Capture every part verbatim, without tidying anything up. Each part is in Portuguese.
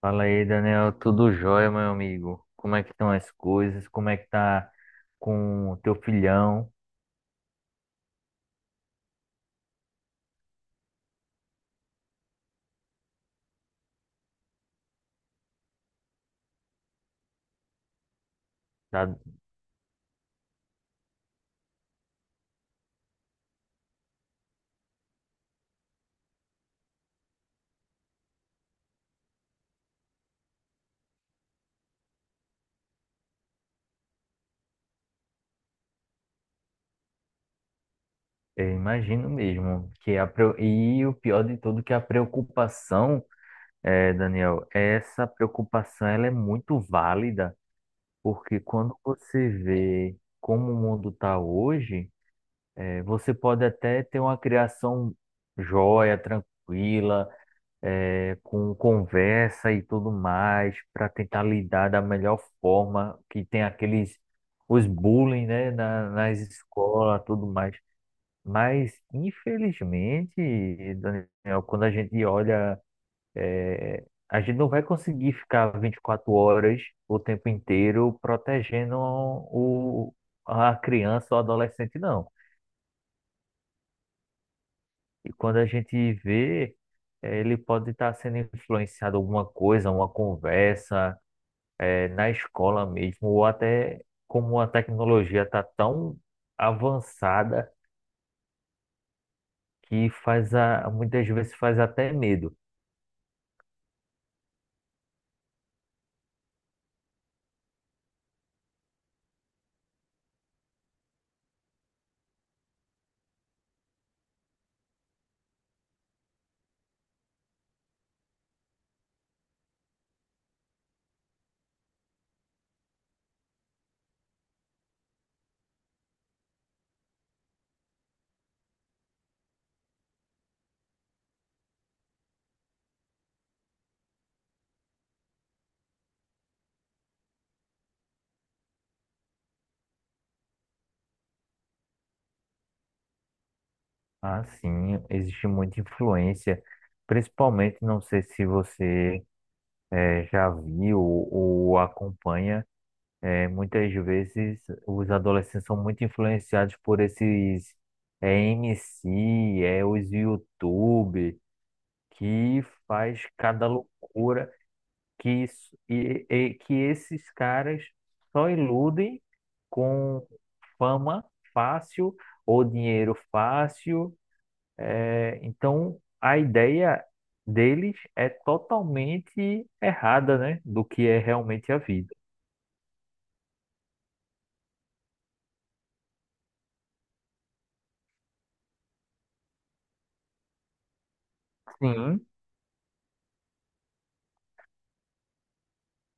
Fala aí, Daniel. Tudo jóia, meu amigo? Como é que estão as coisas? Como é que tá com o teu filhão? Tá- Eu imagino mesmo que a preo- e o pior de tudo que a preocupação, é, Daniel, essa preocupação ela é muito válida, porque quando você vê como o mundo tá hoje, é, você pode até ter uma criação jóia, tranquila, é, com conversa e tudo mais, para tentar lidar da melhor forma, que tem aqueles, os bullying, né, na, nas escolas, tudo mais. Mas, infelizmente, Daniel, quando a gente olha, a gente não vai conseguir ficar vinte e quatro horas o tempo inteiro protegendo o, a criança ou adolescente, não. E quando a gente vê, eh, ele pode estar sendo influenciado alguma coisa, uma conversa, eh, na escola mesmo, ou até como a tecnologia está tão avançada que faz a, muitas vezes faz até medo. Ah, sim, existe muita influência, principalmente, não sei se você eh, já viu ou acompanha, eh, muitas vezes os adolescentes são muito influenciados por esses eh, M C é, os YouTube, que faz cada loucura. Que, isso, e, e- que esses caras só iludem com fama fácil ou dinheiro fácil. É, então, a ideia deles é totalmente errada, né, do que é realmente a vida. Sim,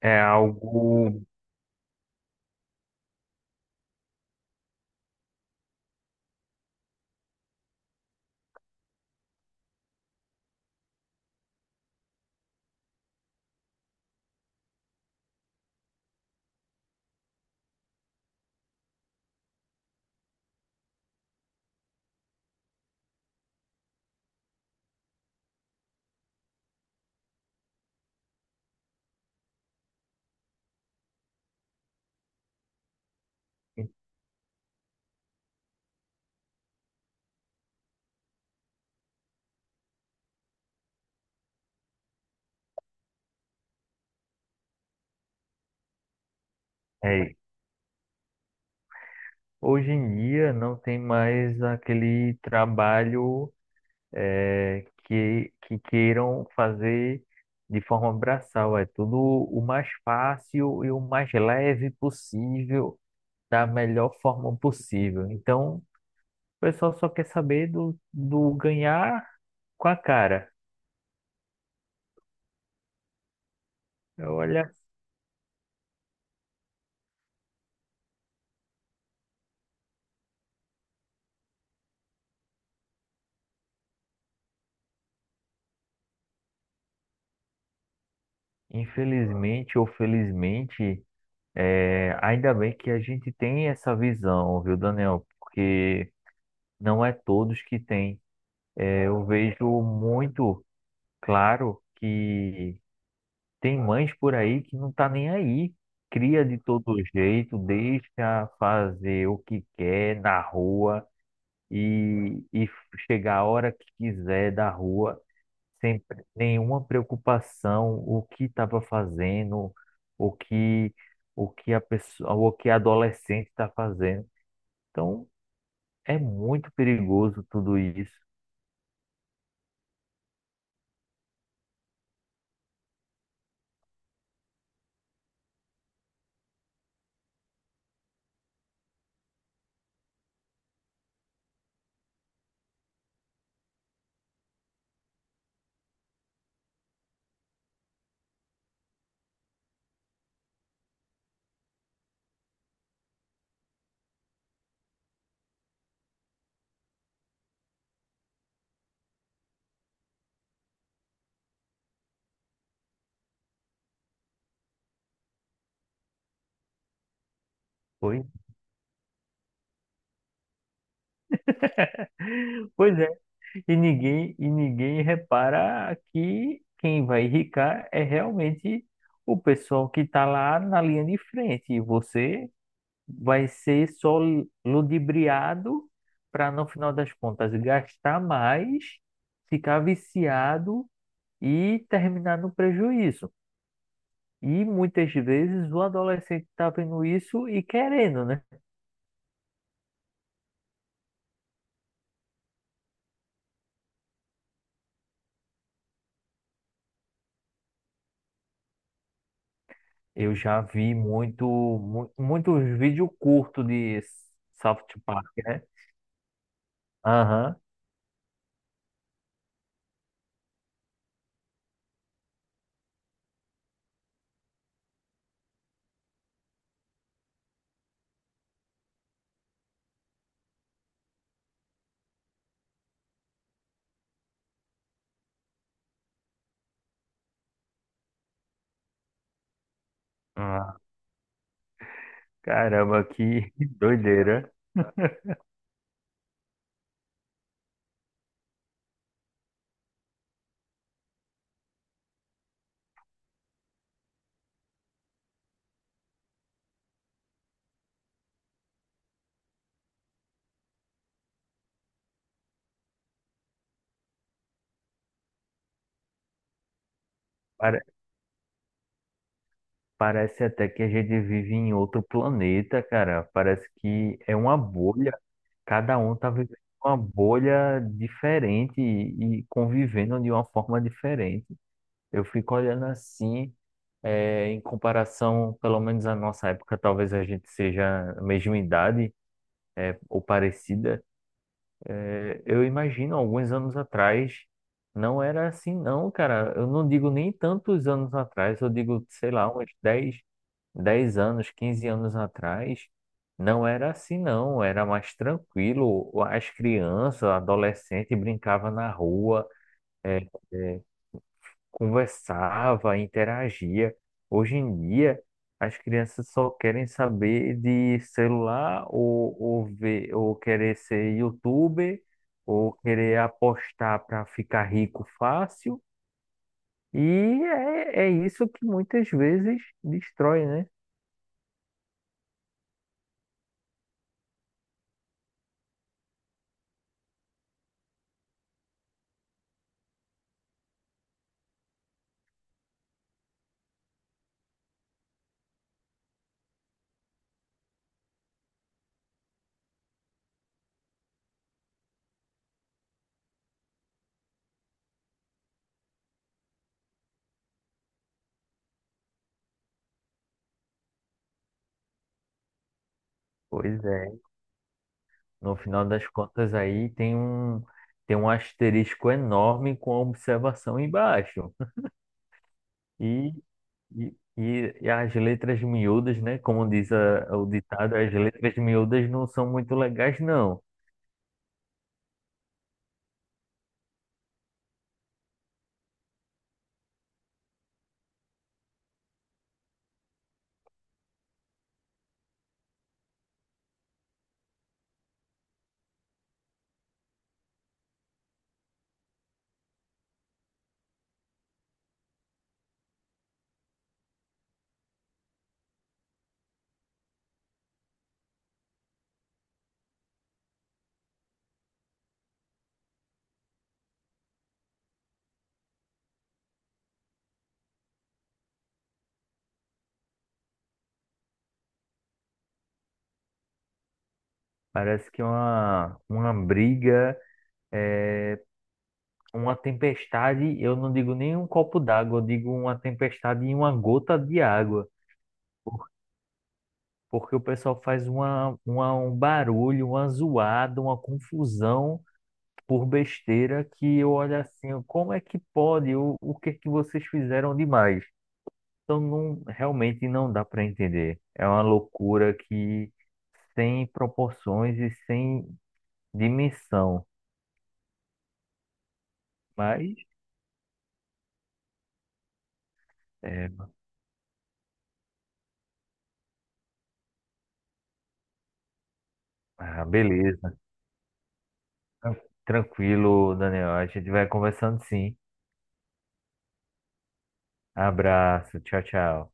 é algo. é, Hoje em dia não tem mais aquele trabalho, é, que, que queiram fazer de forma braçal. É tudo o mais fácil e o mais leve possível, da melhor forma possível. Então, o pessoal só quer saber do, do ganhar com a cara. Olha, infelizmente ou felizmente, é, ainda bem que a gente tem essa visão, viu, Daniel? Porque não é todos que têm. É, eu vejo muito claro que tem mães por aí que não tá nem aí. Cria de todo jeito, deixa fazer o que quer na rua e, e chegar a hora que quiser da rua, sem pre- nenhuma preocupação, o que estava fazendo, o que o que a pessoa, o que a adolescente está fazendo. Então, é muito perigoso tudo isso. Pois, pois é. E ninguém, e ninguém repara que quem vai enricar é realmente o pessoal que está lá na linha de frente. E você vai ser só ludibriado para, no final das contas, gastar mais, ficar viciado e terminar no prejuízo. E muitas vezes o adolescente está vendo isso e querendo, né? Eu já vi muito, mu- muitos vídeos curtos de South Park, né? Aham. Ah, caramba, que doideira. Pare- Parece até que a gente vive em outro planeta, cara. Parece que é uma bolha. Cada um tá vivendo uma bolha diferente e, e convivendo de uma forma diferente. Eu fico olhando assim, é, em comparação, pelo menos à nossa época, talvez a gente seja a mesma idade, é, ou parecida. É, eu imagino, alguns anos atrás, não era assim, não, cara. Eu não digo nem tantos anos atrás, eu digo, sei lá, uns dez, dez anos, quinze anos atrás, não era assim, não. Era mais tranquilo. As crianças, adolescentes brincavam na rua. é, é, Conversava, interagia. Hoje em dia, as crianças só querem saber de celular ou, ou, ver, ou querer ser youtuber, ou querer apostar para ficar rico fácil. E é, é isso que muitas vezes destrói, né? Pois é. No final das contas, aí tem um, tem um asterisco enorme com a observação embaixo. E, e, e e as letras miúdas, né? Como diz a- o ditado, as letras miúdas não são muito legais, não. Parece que é uma, uma briga, é, uma tempestade, eu não digo nem um copo d'água, eu digo uma tempestade em uma gota de água. Porque o pessoal faz uma, uma, um barulho, uma zoada, uma confusão por besteira que eu olho assim, como é que pode? O, o que é que vocês fizeram demais? Então não, realmente não dá para entender. É uma loucura que sem proporções e sem dimensão. Mas é, ah, beleza. Tran- Tranquilo, Daniel. A gente vai conversando sim. Abraço. Tchau, tchau.